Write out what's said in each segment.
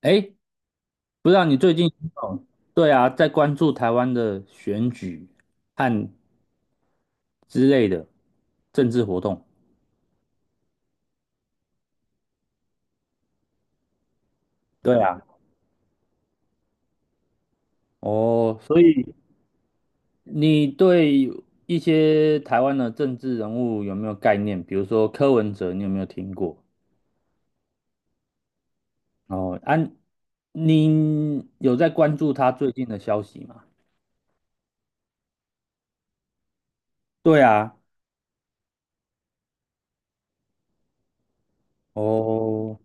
哎，不知道你最近哦，对啊，在关注台湾的选举和之类的政治活动。对啊，哦，所以你对一些台湾的政治人物有没有概念？比如说柯文哲，你有没有听过？哦，安啊，你有在关注他最近的消息吗？对啊，哦，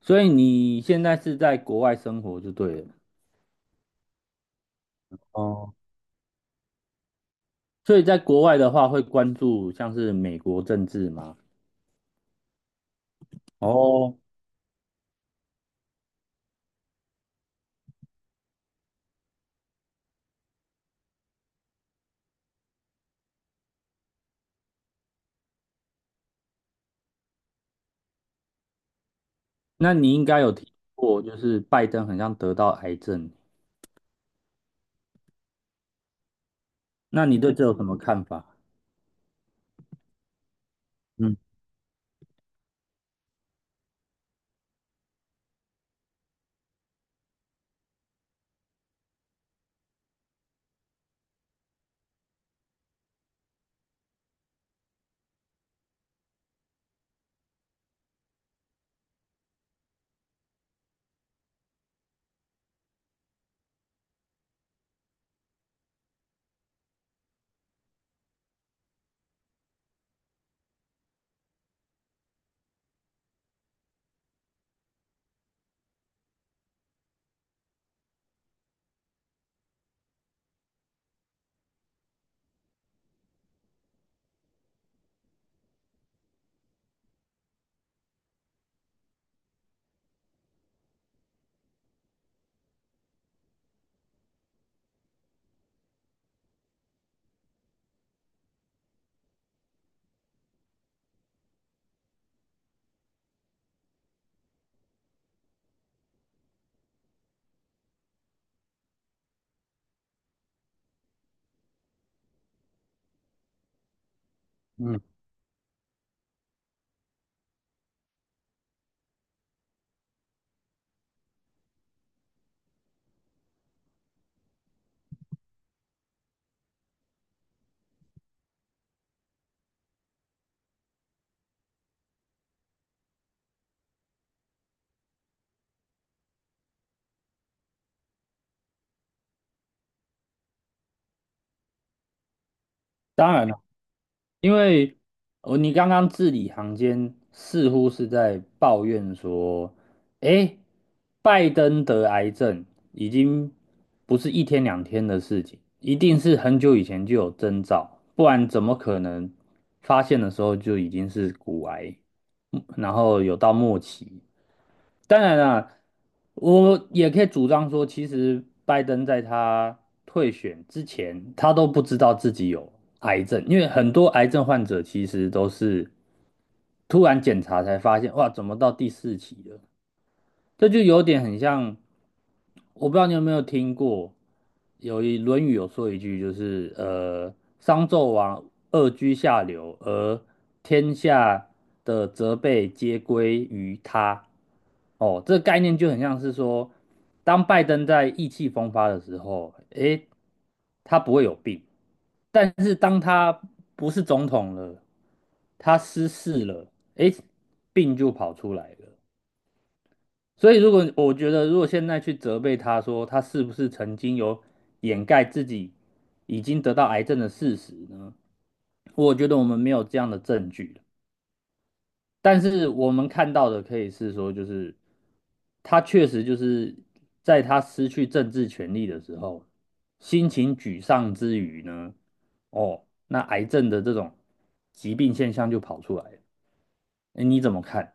所以你现在是在国外生活就对了。哦。所以在国外的话，会关注像是美国政治吗？哦，那你应该有听过，就是拜登很像得到癌症，那你对这有什么看法？嗯嗯，当然了，因为你刚刚字里行间似乎是在抱怨说，诶，拜登得癌症已经不是一天两天的事情，一定是很久以前就有征兆，不然怎么可能发现的时候就已经是骨癌，然后有到末期？当然啦，我也可以主张说，其实拜登在他退选之前，他都不知道自己有癌症，因为很多癌症患者其实都是突然检查才发现，哇，怎么到第四期了？这就有点很像。我不知道你有没有听过，有一《论语》有说一句，就是商纣王恶居下流，而天下的责备皆归于他。哦，这个概念就很像是说，当拜登在意气风发的时候，诶，他不会有病，但是当他不是总统了，他失势了，诶，病就跑出来了。所以，如果我觉得，如果现在去责备他说他是不是曾经有掩盖自己已经得到癌症的事实呢？我觉得我们没有这样的证据，但是我们看到的可以是说，就是他确实就是在他失去政治权利的时候，心情沮丧之余呢，哦，那癌症的这种疾病现象就跑出来了。哎，你怎么看？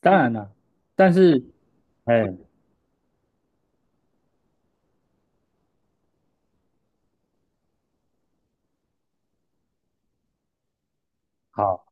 当然了，但是，哎，好。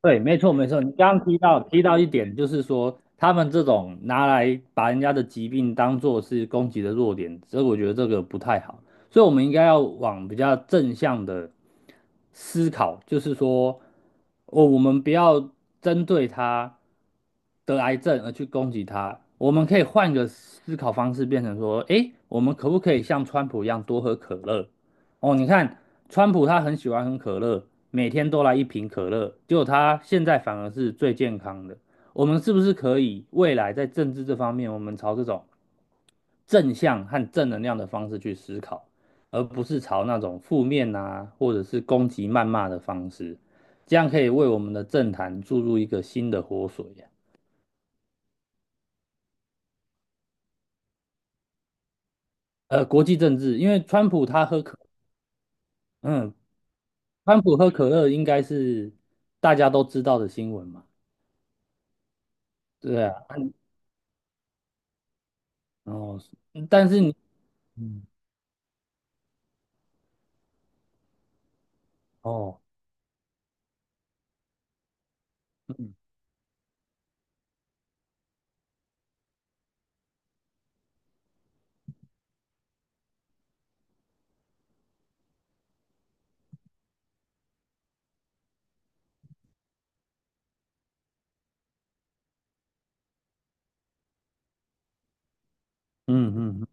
对，没错没错。你刚刚提到一点，就是说他们这种拿来把人家的疾病当做是攻击的弱点，所以我觉得这个不太好。所以我们应该要往比较正向的思考，就是说，我们不要针对他得癌症而去攻击他，我们可以换个思考方式，变成说，诶，我们可不可以像川普一样多喝可乐？哦，你看，川普他很喜欢喝可乐，每天都来一瓶可乐，结果他现在反而是最健康的。我们是不是可以未来在政治这方面，我们朝这种正向和正能量的方式去思考，而不是朝那种负面啊，或者是攻击谩骂的方式，这样可以为我们的政坛注入一个新的活水呀。国际政治，因为川普他喝可，嗯，川普喝可乐应该是大家都知道的新闻嘛。对啊，哦，但是你，嗯，哦，嗯嗯嗯嗯，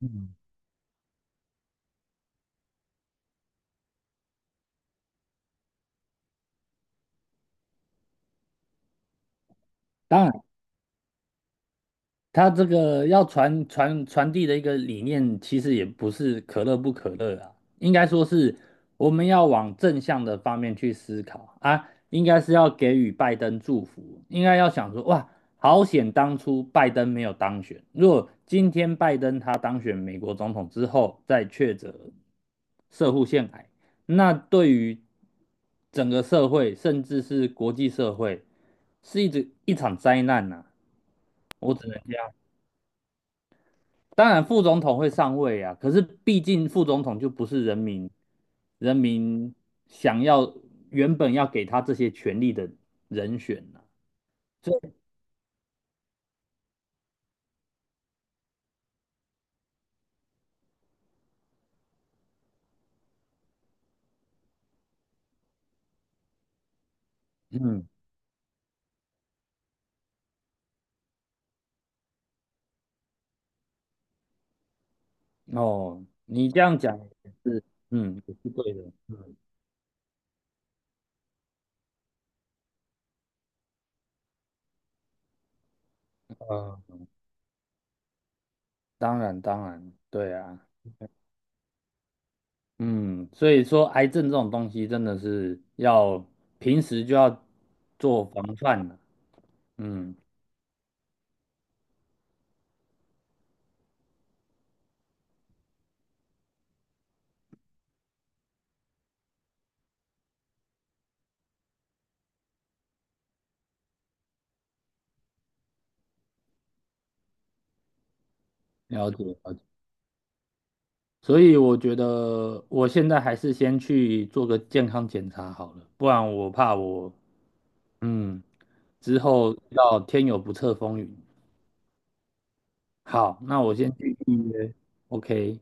嗯当然他这个要传递的一个理念，其实也不是可乐不可乐啊，应该说是我们要往正向的方面去思考啊，应该是要给予拜登祝福，应该要想说，哇，好险当初拜登没有当选，如果今天拜登他当选美国总统之后再确诊社会腺癌，那对于整个社会，甚至是国际社会，是一场灾难呐、啊我只能。这样。当然副总统会上位啊，可是毕竟副总统就不是人民想要原本要给他这些权利的人选呐、所以嗯，哦，你这样讲也是，嗯，也是对的，嗯，呃，当然，当然，对啊，嗯，所以说癌症这种东西真的是要平时就要做防范了，嗯，了解，了解。所以我觉得我现在还是先去做个健康检查好了，不然我怕我嗯之后要天有不测风云。好，那我先去预约，OK。